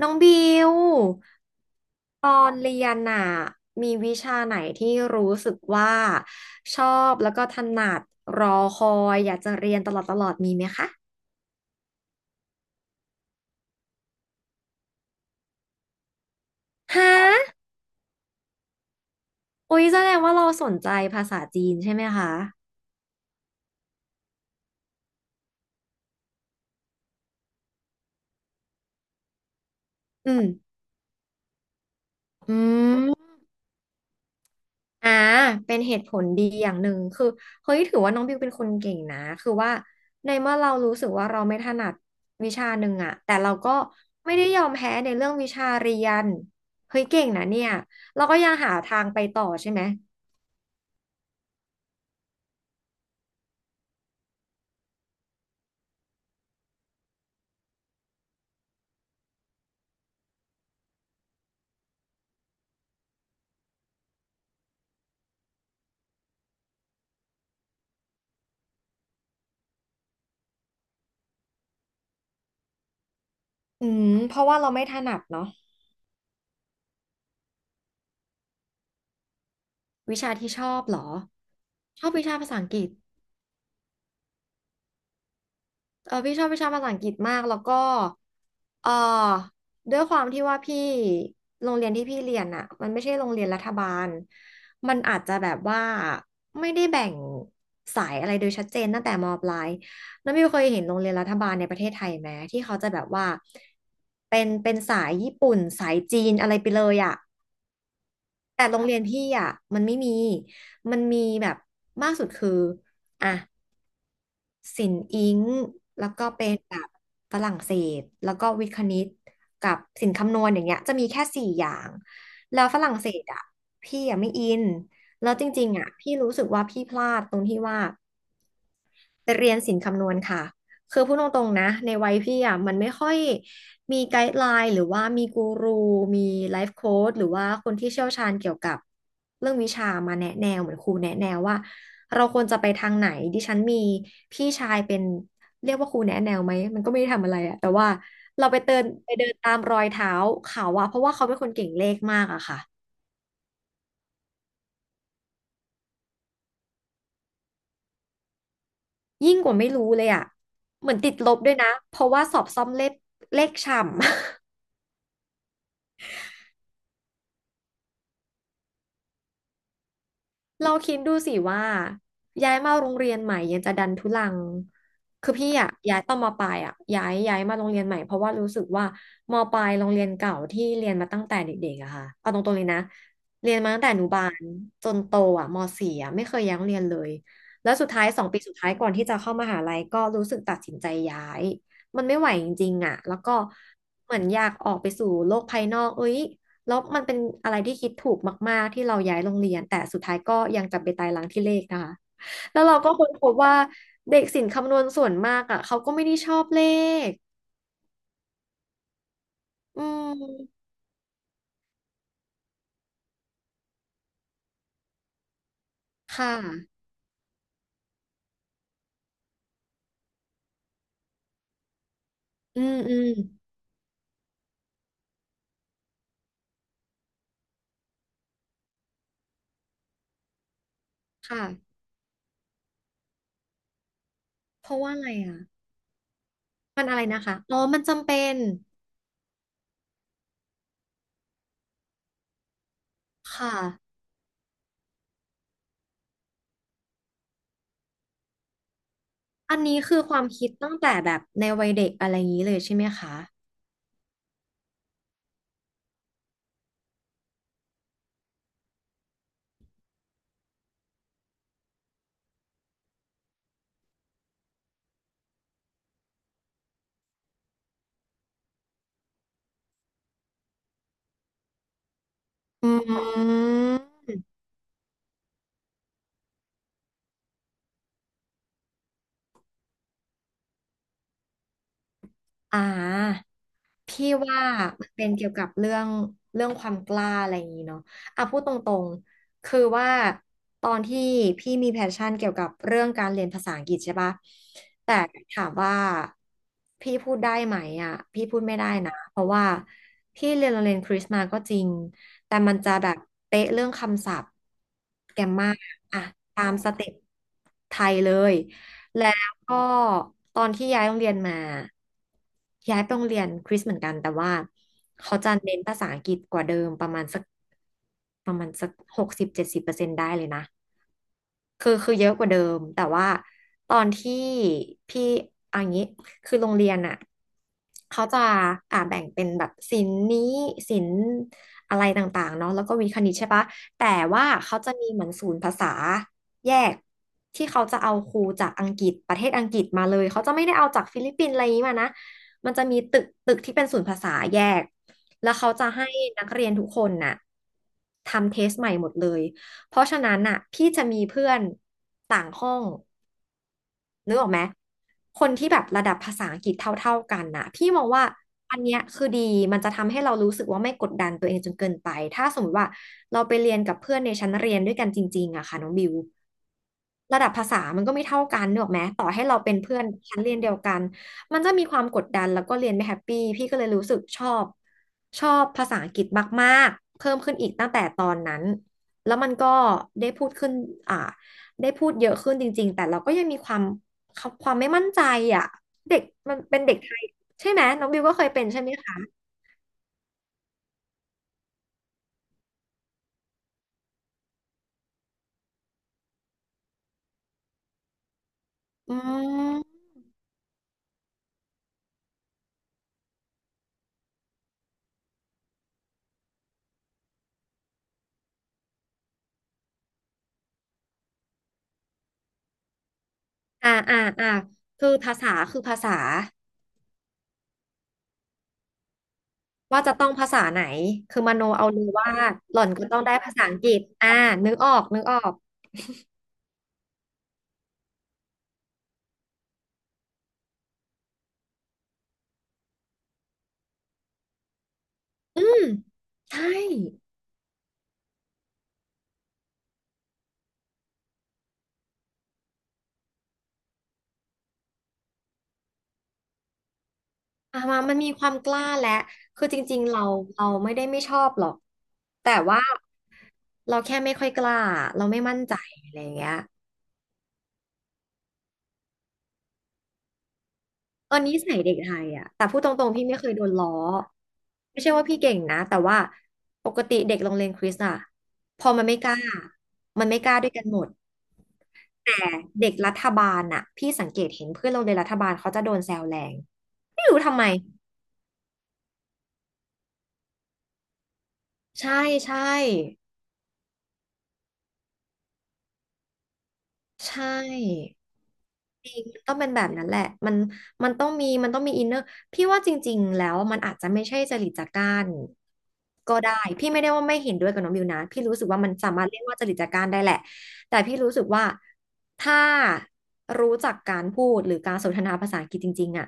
น้องบิวตอนเรียนน่ะมีวิชาไหนที่รู้สึกว่าชอบแล้วก็ถนัดรอคอยอยากจะเรียนตลอดตลอดมีไหมคะฮะโอ้ยแสดงว่าเราสนใจภาษาจีนใช่ไหมคะอืมอืม อ่าเป็นเหตุผลดีอย่างหนึ่งคือเฮ้ยถือว่าน้องบิวเป็นคนเก่งนะคือว่าในเมื่อเรารู้สึกว่าเราไม่ถนัดวิชาหนึ่งอะแต่เราก็ไม่ได้ยอมแพ้ในเรื่องวิชาเรียนเฮ้ยเก่งนะเนี่ยเราก็ยังหาทางไปต่อใช่ไหมอืมเพราะว่าเราไม่ถนัดเนาะวิชาที่ชอบเหรอชอบวิชาภาษาอังกฤษ พี่ชอบวิชาภาษาอังกฤษมากแล้วก็เออด้วยความที่ว่าพี่โรงเรียนที่พี่เรียนอ่ะมันไม่ใช่โรงเรียนรัฐบาลมันอาจจะแบบว่าไม่ได้แบ่งสายอะไรโดยชัดเจนตั้งแต่มปลายน้องมิวเคยเห็นโรงเรียนรัฐบาลในประเทศไทยไหมที่เขาจะแบบว่าเป็นสายญี่ปุ่นสายจีนอะไรไปเลยอ่ะแต่โรงเรียนพี่อ่ะมันไม่มีมันมีแบบมากสุดคืออ่ะ ศิลป์อิงค์แล้วก็เป็นแบบฝรั่งเศสแล้วก็วิทย์คณิตกับศิลป์คำนวณอย่างเงี้ยจะมีแค่สี่อย่างแล้วฝรั่งเศสอ่ะพี่อ่ะไม่อินแล้วจริงๆอ่ะพี่รู้สึกว่าพี่พลาดตรงที่ว่า ไปเรียนศิลป์คำนวณค่ะคือพูดตรงๆนะในวัยพี่อ่ะมันไม่ค่อยมีไกด์ไลน์หรือว่ามีกูรูมีไลฟ์โค้ชหรือว่าคนที่เชี่ยวชาญเกี่ยวกับเรื่องวิชามาแนะแนวเหมือนครูแนะแนวว่าเราควรจะไปทางไหนดิฉันมีพี่ชายเป็นเรียกว่าครูแนะแนวไหมมันก็ไม่ได้ทำอะไรอะแต่ว่าเราไปเดินไปเดินตามรอยเท้าเขาอะเพราะว่าเขาเป็นคนเก่งเลขมากอะค่ะยิ่งกว่าไม่รู้เลยอะเหมือนติดลบด้วยนะเพราะว่าสอบซ่อมเลขเลขฉ่ำ เราคิดดูสิว่าย้ายมาโรงเรียนใหม่ยังจะดันทุลังคือพี่อะย้ายตอนมปลายอะย้ายมาโรงเรียนใหม่เพราะว่ารู้สึกว่ามปลายโรงเรียนเก่าที่เรียนมาตั้งแต่เด็กๆอะค่ะเอาตรงๆเลยนะเรียนมาตั้งแต่อนุบาลจนโตอะมสี่อะไม่เคยย้ายโรงเรียนเลยแล้วสุดท้าย2 ปีสุดท้ายก่อนที่จะเข้ามหาลัยก็รู้สึกตัดสินใจย้ายมันไม่ไหวจริงๆอะแล้วก็เหมือนอยากออกไปสู่โลกภายนอกเอ้ย แล้วมันเป็นอะไรที่คิดถูกมากๆที่เราย้ายโรงเรียนแต่สุดท้ายก็ยังจำไปตายร้างที่เลขนะคะแล้วเราก็ค้นพบว่าเด็กศิลป์คำนวณส่วนมากอ่ะเขาก็ไม่ได้ชอบเลขอืมค่ะอืมอืมค่ะเพราะว่าอะไรอ่ะมันอะไรนะคะอ๋อมันจำเป็นค่ะอันนี้คือความคิดตั้งแต่แบบในวัยเด็กอะไรอย่างนี้เลยใช่ไหมคะอืมอ่า พี่ว่ามันเป็นเกี่ยวกับเรื่องความกล้าอะไรอย่างนี้เนาะอ่ะพูดตรงๆคือว่าตอนที่พี่มีแพชชั่นเกี่ยวกับเรื่องการเรียนภาษาอังกฤษใช่ปะแต่ถามว่าพี่พูดได้ไหมอ่ะพี่พูดไม่ได้นะเพราะว่าพี่เรียนโรงเรียนคริสต์มาก็จริงแต่มันจะแบบเป๊ะเรื่องคำศัพท์แกรมมาอ่ะตามสเต็ปไทยเลย แล้วก็ตอนที่ย้ายโรงเรียนมาย้ายไปโรงเรียนคริสเหมือนกันแต่ว่าเขาจะเน้นภาษาอังกฤษกว่าเดิมประมาณสักประมาณสัก60-70%ได้เลยนะ คือเยอะกว่าเดิมแต่ว่าตอนที่พี่เอันนี้คือโรงเรียนอ่ะเขาจะแบ่งเป็นแบบศิลป์นี้ศิลป์อะไรต่างๆเนาะแล้วก็วิทย์คณิตใช่ปะแต่ว่าเขาจะมีเหมือนศูนย์ภาษาแยกที่เขาจะเอาครูจากอังกฤษประเทศอังกฤษมาเลยเขาจะไม่ได้เอาจากฟิลิปปินส์อะไรอย่างนี้มานะมันจะมีตึกตึกที่เป็นศูนย์ภาษาแยกแล้วเขาจะให้นักเรียนทุกคนน่ะทำเทสใหม่หมดเลย เพราะฉะนั้นอ่ะพี่จะมีเพื่อนต่างห้อง นึกออกไหมคนที่แบบระดับภาษาอังกฤษเท่าๆกันน่ะพี่มองว่าอันเนี้ยคือดีมันจะทำให้เรารู้สึกว่าไม่กดดันตัวเองจนเกินไปถ้าสมมติว่าเราไปเรียนกับเพื่อนในชั้นเรียนด้วยกันจริงๆอะค่ะน้องบิวระดับภาษามันก็ไม่เท่ากันเนึกออกไหมต่อให้เราเป็นเพื่อนชั้นเรียนเดียวกันมันจะมีความกดดันแล้วก็เรียนไม่แฮปปี้พี่ก็เลยรู้สึกชอบภาษาอังกฤษมากๆเพิ่มขึ้นอีกตั้งแต่ตอนนั้นแล้วมันก็ได้พูดขึ้นอ่าได้พูดเยอะขึ้นจริงๆแต่เราก็ยังมีความไม่มั่นใจอ่ะเด็กมันเป็นเด็กไทยใช่ไหมน้องบิวก็เคยเป็นใช่ไหมคะอืมอ่าอ่าอ่าคือภาษาว่าจะต้องภาษาไหนคือมโนเอาเลยว่าหล่อนก็ต้องได้ภาษาอังกฤษอ่านึกออกนึกออกอืมใช่อ่ามามันมีความกล้าและคือจริงๆเราไม่ได้ไม่ชอบหรอกแต่ว่าเราแค่ไม่ค่อยกล้าเราไม่มั่นใจอะไรอย่างเงี้ย เออนิสัยเด็กไทยอ่ะแต่พูดตรงๆพี่ไม่เคยโดนล้อไม่ใช่ว่าพี่เก่งนะแต่ว่าปกติเด็กโรงเรียนคริสต์อ่ะพอมันไม่กล้ามันไม่กล้าด้วยกันหมดแต่เด็กรัฐบาลอ่ะพี่สังเกตเห็นเพื่อนโรงเรียนรัฐบาลเขาจะโดนแซวแรงไม่รู้ทำไมใช่ใช่ใช่ จริงมันต้องเป็นแบบนั้นแหละมันมันต้องมีอินเนอร์พี่ว่าจริงๆแล้วมันอาจจะไม่ใช่จริตจากร้านก็ได้พี่ไม่ได้ว่าไม่เห็นด้วยกับน้องบิวนะพี่รู้สึกว่ามันสามารถเรียกว่าจริตจากร้านได้แหละแต่พี่รู้สึกว่าถ้ารู้จักการพูดหรือการสนทนาภาษาอังกฤษจริงๆอ่ะ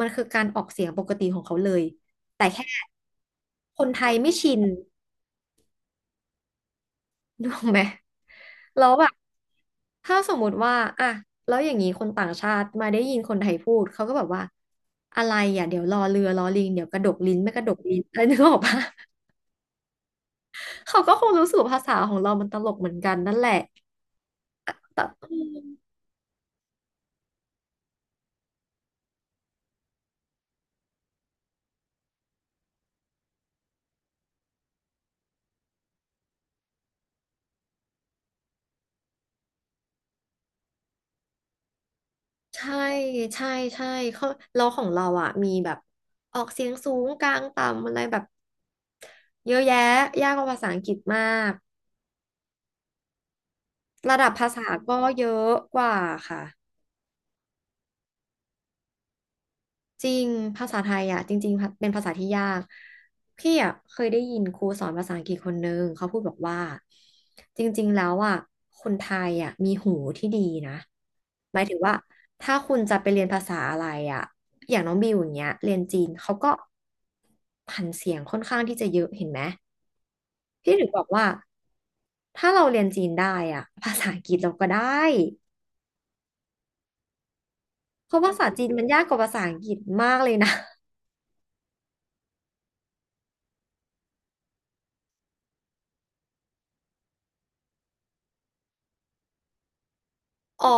มันคือการออกเสียงปกติของเขาเลยแต่แค่คนไทยไม่ชิน ถูกออกไหมแล้วแบบ ถ้าสมมุติว่าอ่ะแล้วอย่างนี้คนต่างชาติมาได้ยินคนไทยพูด เขาก็แบบว่า อะไรอ่ะเดี๋ยวรอเรือรอลิงเดี๋ยวกระดกลิ้นไม่กระดกลิ้น อะไรนึกออกปะเขาก็คงรู้สึกว่าภาษาของเรา มันตลกเหมือนกันนั่นแหละแต่อืมใช่ใช่ใช่เขาเราของเราอ่ะมีแบบออกเสียงสูงกลางต่ำอะไรแบบเยอะแยะ ยากกว่าภาษาอังกฤษมาก ระดับภาษาก็เยอะกว่าค่ะ จริงภาษาไทยอ่ะจริงๆเป็นภาษาที่ยากพี่อ่ะเคยได้ยินครูสอนภาษาอังกฤษคนนึงเขาพูดบอกว่าจริงๆแล้วอ่ะคนไทยอ่ะมีหูที่ดีนะหมายถึงว่าถ้าคุณจะไปเรียนภาษาอะไรอ่ะอย่างน้องบิวอย่างเงี้ยเรียนจีนเขาก็ผันเสียงค่อนข้างที่จะเยอะเห็นไหมพี่ถึงบอกว่าถ้าเราเรียนจีนได้อ่ะภาษาอังกฤษเราก็ได้เพราะภาษาจีนมันยากกว่าภาษาอังกฤษมากเลยนะ อ๋อ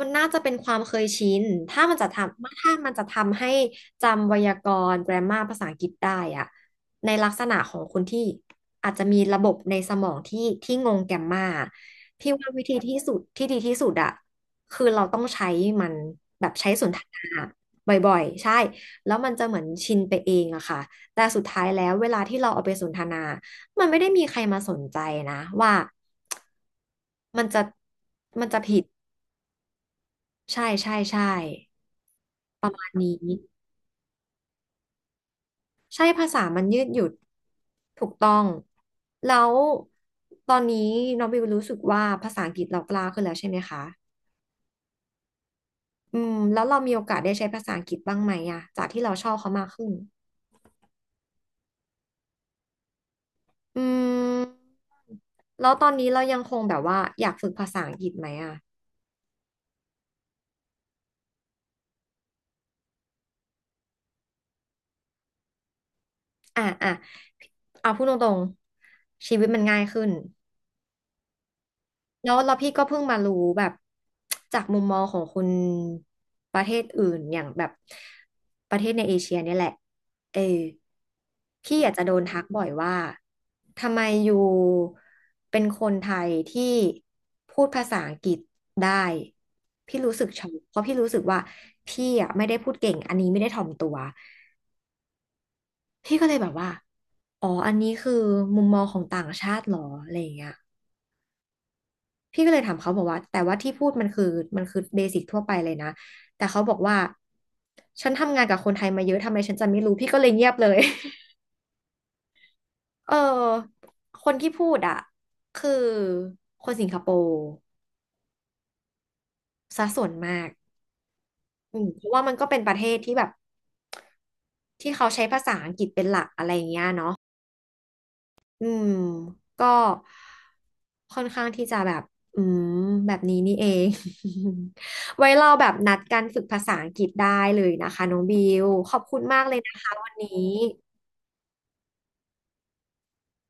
มันน่าจะเป็นความเคยชินถ้ามันจะทำถ้ามันจะทำให้จำไวยากรณ์ grammar ภาษาอังกฤษได้อะในลักษณะของคนที่อาจจะมีระบบในสมองที่งง AMM มาพี่ว่าวิธีที่สุดที่ดีที่สุดอะคือเราต้องใช้มันแบบใช้สนทนาบ่อยๆ ใช่ แล้วมันจะเหมือนชินไปเองอะค่ะแต่สุดท้ายแล้วเวลาที่เราเอาไปสนทนา มันไม่ได้มีใครมาสนใจนะว่ามันจะมันจะผิด ใช่ใช่ใช่ประมาณนี้ใช่ภาษามันยืดหยุ่นถูกต้องแล้วตอนนี้น้องบิวรู้สึกว่าภาษาอังกฤษเรากล้าขึ้นแล้วใช่ไหมคะอืมแล้วเรามีโอกาสได้ใช้ภาษาอังกฤษบ้างไหมอะจากที่เราชอบเขามากขึ้นอืมแล้วตอนนี้เรายังคงแบบว่าอยากฝึกภาษาอังกฤษไหมอะอ่ะอ่ะเอาพูดตรงๆชีวิตมันง่ายขึ้น แล้วพี่ก็เพิ่งมารู้แบบจากมุมมองของคนประเทศอื่นอย่างแบบประเทศในเอเชียเนี่ยแหละเออพี่อาจจะโดนทักบ่อยว่าทำไมอยู่เป็นคนไทยที่พูดภาษาอังกฤษได้พี่รู้สึกช็อกเพราะพี่รู้สึกว่าพี่อ่ะไม่ได้พูดเก่งอันนี้ไม่ได้ถ่อมตัวพี่ก็เลยแบบว่าอ๋ออันนี้คือมุมมองของต่างชาติเหรออะไรอย่างเงี้ย พี่ก็เลยถามเขาบอกว่าแต่ว่าที่พูดมันคือเบสิกทั่วไปเลยนะแต่เขาบอกว่าฉันทำงานกับคนไทยมาเยอะทำไมฉันจะไม่รู้พี่ก็เลยเงียบเลย เออคนที่พูดอ่ะคือคนสิงคโปร์ซะส่วนมากอืมเพราะว่ามันก็เป็นประเทศที่แบบที่เขาใช้ภาษาอังกฤษเป็นหลักอะไรอย่างเงี้ยเนาะ อืมก็ค่อนข้างที่จะแบบอืมแบบนี้นี่เอง ไว้เราแบบนัดกันฝึกภาษาอังกฤษได้เลยนะคะน้องบิวขอบคุณมากเลยนะคะวันนี้